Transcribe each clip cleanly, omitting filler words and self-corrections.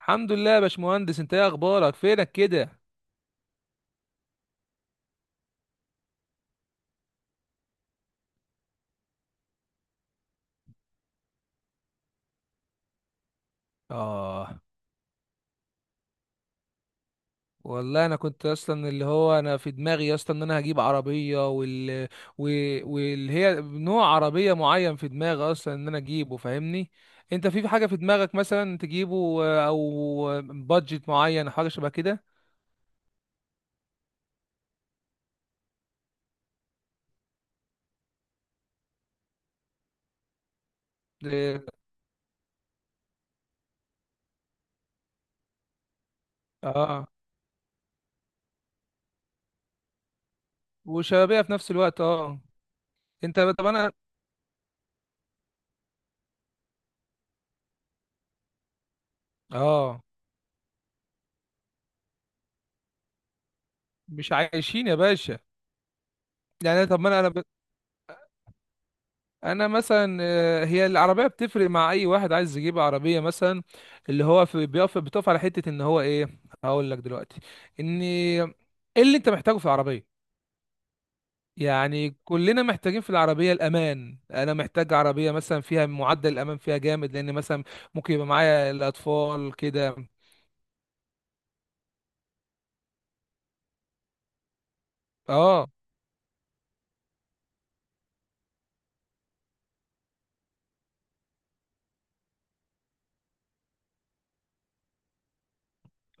الحمد لله يا باشمهندس، انت ايه اخبارك؟ فينك كده؟ اه. والله انا كنت اصلا اللي هو انا في دماغي اصلا ان انا هجيب عربيه واللي هي نوع عربيه معين في دماغي اصلا ان انا اجيبه، فاهمني؟ انت في حاجه في دماغك مثلا تجيبه، او بادجت معين حاجه شبه كده؟ اه. اه، وشبابيه في نفس الوقت، اه. انت طب انا. اه. مش عايشين يا باشا. يعني طب ما انا. انا مثلا، هي العربيه بتفرق مع اي واحد عايز يجيب عربيه. مثلا اللي هو في بتقف على حته ان هو ايه. هقول لك دلوقتي ان ايه اللي انت محتاجه في العربيه. يعني كلنا محتاجين في العربيه الامان. انا محتاج عربيه مثلا فيها معدل الامان فيها جامد، لان مثلا ممكن يبقى معايا الاطفال كده. اه.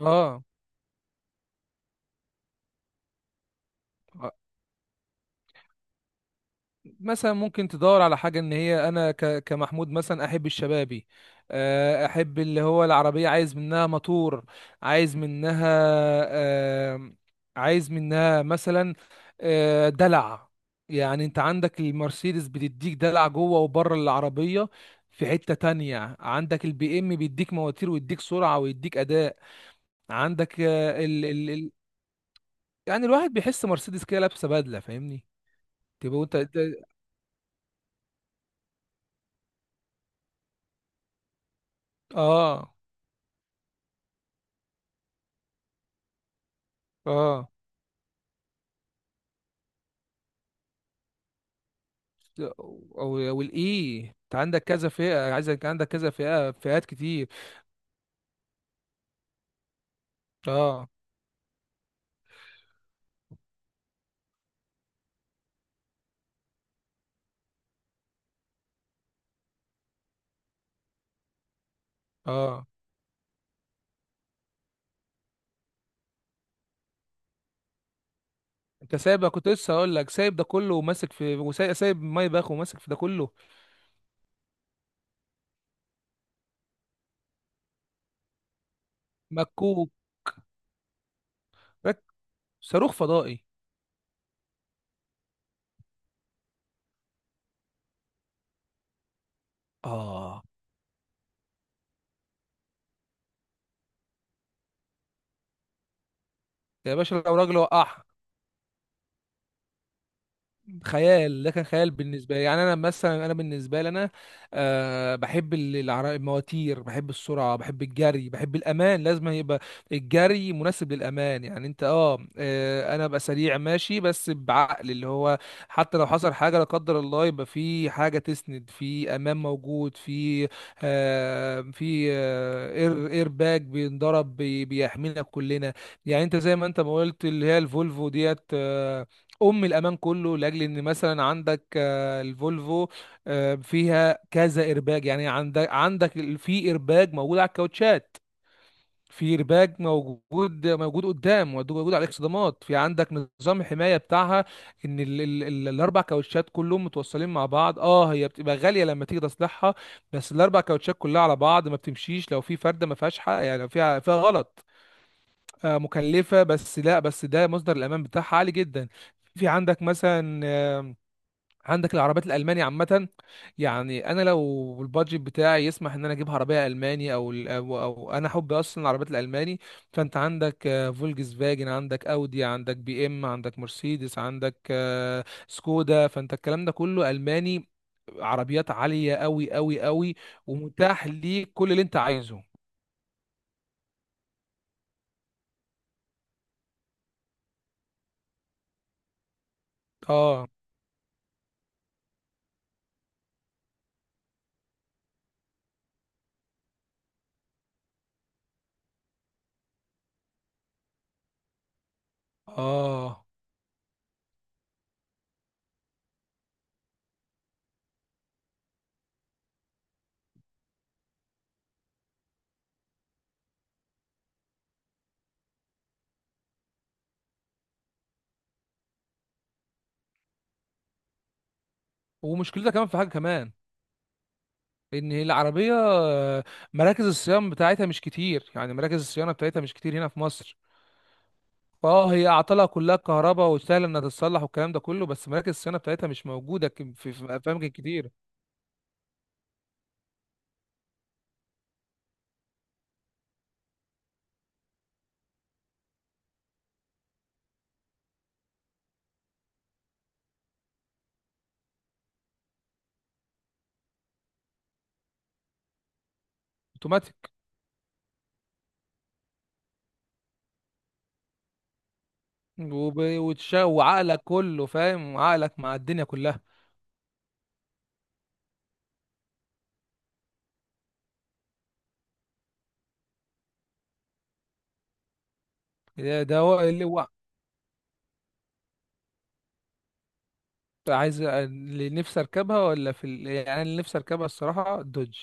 اه. اه. مثلا ممكن تدور على حاجة ان هي انا كمحمود مثلا احب الشبابي. احب اللي هو العربية، عايز منها موتور، عايز منها، آه، عايز منها مثلا، دلع. يعني انت عندك المرسيدس بتديك دلع جوه وبره العربية. في حتة تانية عندك البي ام بيديك مواتير ويديك سرعة ويديك اداء. عندك آه، ال ال ال يعني الواحد بيحس مرسيدس كده لابسة بدلة، فاهمني؟ تبقى انت. اه. اه. او او الاي. انت عندك كذا فئه، عايزك عندك كذا فئه، فئات كتير. اه. اه. انت سايب؟ كنت لسه هقول لك سايب ده كله وماسك في، وسايب ماي باخ وماسك في ده كله. مكوك. رك- صاروخ فضائي. اه. يا باشا لو راجل وقعها. خيال، ده كان خيال بالنسبه لي. يعني انا مثلا، انا بالنسبه لي انا أه بحب المواتير، بحب السرعه، بحب الجري، بحب الامان. لازم يبقى الجري مناسب للامان. يعني انت، انا ابقى سريع ماشي بس بعقل، اللي هو حتى لو حصل حاجه لا قدر الله، يبقى في حاجه تسند، في امان موجود في في اير باج بينضرب، بيحمينا كلنا. يعني انت زي ما انت ما قلت، اللي هي الفولفو ديت، ام الامان كله، لاجل ان مثلا عندك، الفولفو فيها كذا ايرباج. يعني عندك عندك في ايرباج موجود على الكاوتشات، في ايرباج موجود قدام، موجود على الاكسدامات، في عندك نظام حمايه بتاعها ان ال ال ال الاربع كاوتشات كلهم متوصلين مع بعض. اه. هي بتبقى غاليه لما تيجي تصلحها، بس الاربع كاوتشات كلها على بعض ما بتمشيش لو في فرده ما فيهاش حق. يعني لو فيها غلط، مكلفة، بس لا، بس ده مصدر الأمان بتاعها عالي جدا. في عندك مثلا عندك العربيات الألماني عامة. يعني أنا لو البادجت بتاعي يسمح إن أنا أجيب عربية ألماني أو أنا حب أصلا العربيات الألماني. فأنت عندك فولكس فاجن، عندك أودي، عندك بي إم، عندك مرسيدس، عندك سكودا. فأنت الكلام ده كله ألماني. عربيات عالية أوي أوي أوي. ومتاح ليك كل اللي أنت عايزه. اه. اه. ومشكلتها كمان في حاجة كمان، ان العربيه مراكز الصيانه بتاعتها مش كتير. يعني مراكز الصيانه بتاعتها مش كتير هنا في مصر. اه، هي اعطالها كلها كهرباء وسهل انها تتصلح والكلام ده كله، بس مراكز الصيانه بتاعتها مش موجوده في في اماكن كتير. اوتوماتيك. وعقلك كله، فاهم؟ عقلك مع الدنيا كلها. ده هو اللي هو عايز. اللي نفسي اركبها ولا في ال... يعني اللي نفسي اركبها الصراحه دوج.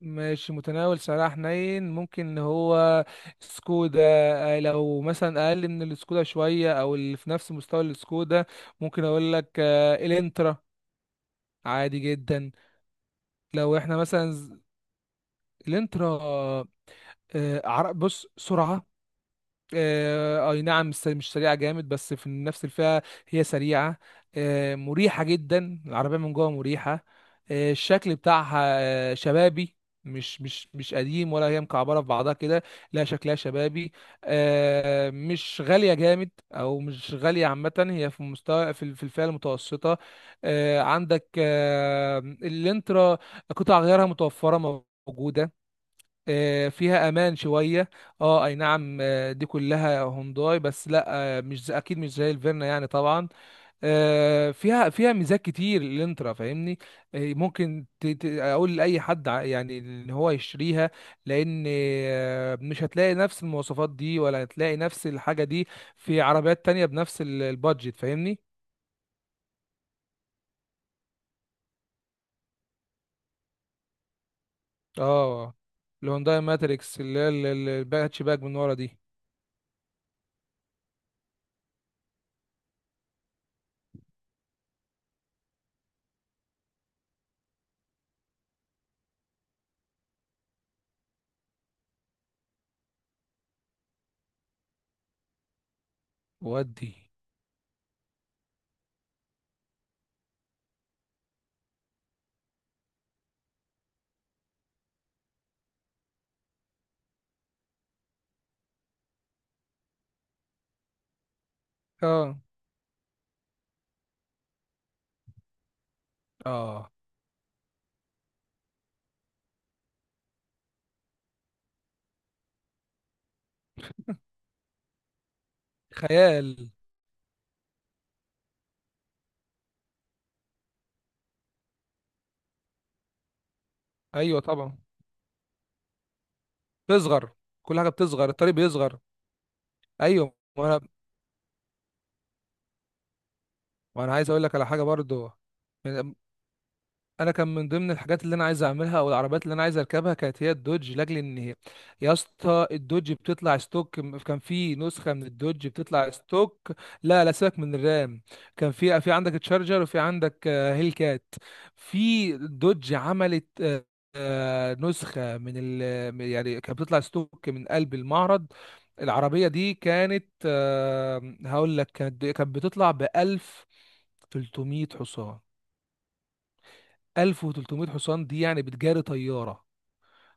ماشي، متناول سعرها حنين، ممكن ان هو سكودا. لو مثلا اقل من السكودا شويه، او اللي في نفس مستوى السكودا ممكن اقول لك الانترا. عادي جدا. لو احنا مثلا، الانترا، بص، سرعه اي نعم، مش سريعه جامد، بس في نفس الفئه هي سريعه. مريحه جدا، العربيه من جوه مريحه. الشكل بتاعها شبابي. مش قديم، ولا هي مكعبره في بعضها كده. لا، شكلها شبابي. مش غاليه جامد، او مش غاليه عامه. هي في مستوى في في الفئه المتوسطه. عندك الانترا، قطع غيارها متوفره، موجوده. فيها امان شويه. اه، اي نعم. دي كلها هونداي، بس لا، مش زي- اكيد مش زي الفيرنا، يعني طبعا. فيها ميزات كتير الانترا، فاهمني؟ ممكن اقول لاي حد، يعني ان هو يشتريها، لان مش هتلاقي نفس المواصفات دي ولا هتلاقي نفس الحاجه دي في عربيات تانية بنفس البادجت، فاهمني؟ اه. الهونداي ماتريكس اللي هي الهاتش باك من ورا دي. ودي. اه. اه. خيال. ايوه طبعا. بتصغر. كل حاجه بتصغر، الطريق بيصغر. ايوه وانا. وانا عايز اقول لك على حاجه برضو. انا كان من ضمن الحاجات اللي انا عايز اعملها، او العربيات اللي انا عايز اركبها كانت هي الدوج، لاجل ان هي يا اسطى الدوج بتطلع ستوك. كان في نسخه من الدوج بتطلع ستوك. لا لا، سيبك من الرام. كان في عندك تشارجر، وفي عندك هيل كات. في دوج عملت نسخه من يعني كانت بتطلع ستوك من قلب المعرض. العربيه دي كانت، هقول لك، كانت بتطلع ب 1300 حصان. 1300 حصان دي يعني بتجاري طياره.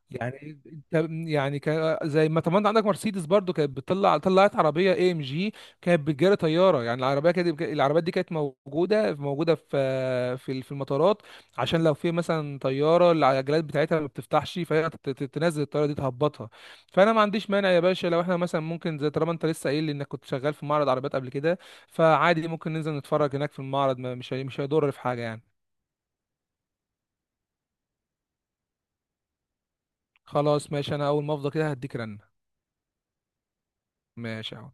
يعني انت، يعني كان زي ما طبعا انت عندك مرسيدس برضو كانت بتطلع، طلعت عربيه AMG كانت بتجاري طياره. يعني العربيه كانت، العربيات دي كانت موجوده في المطارات، عشان لو في مثلا طياره العجلات بتاعتها ما بتفتحش، فهي تنزل الطياره دي تهبطها. فانا ما عنديش مانع يا باشا، لو احنا مثلا ممكن، زي طالما انت لسه قايل لي انك كنت شغال في معرض عربيات قبل كده، فعادي ممكن ننزل نتفرج هناك في المعرض، مش هيضر في حاجه يعني. خلاص ماشي، انا اول ما افضى كده هديك رنة. ماشي يا حب.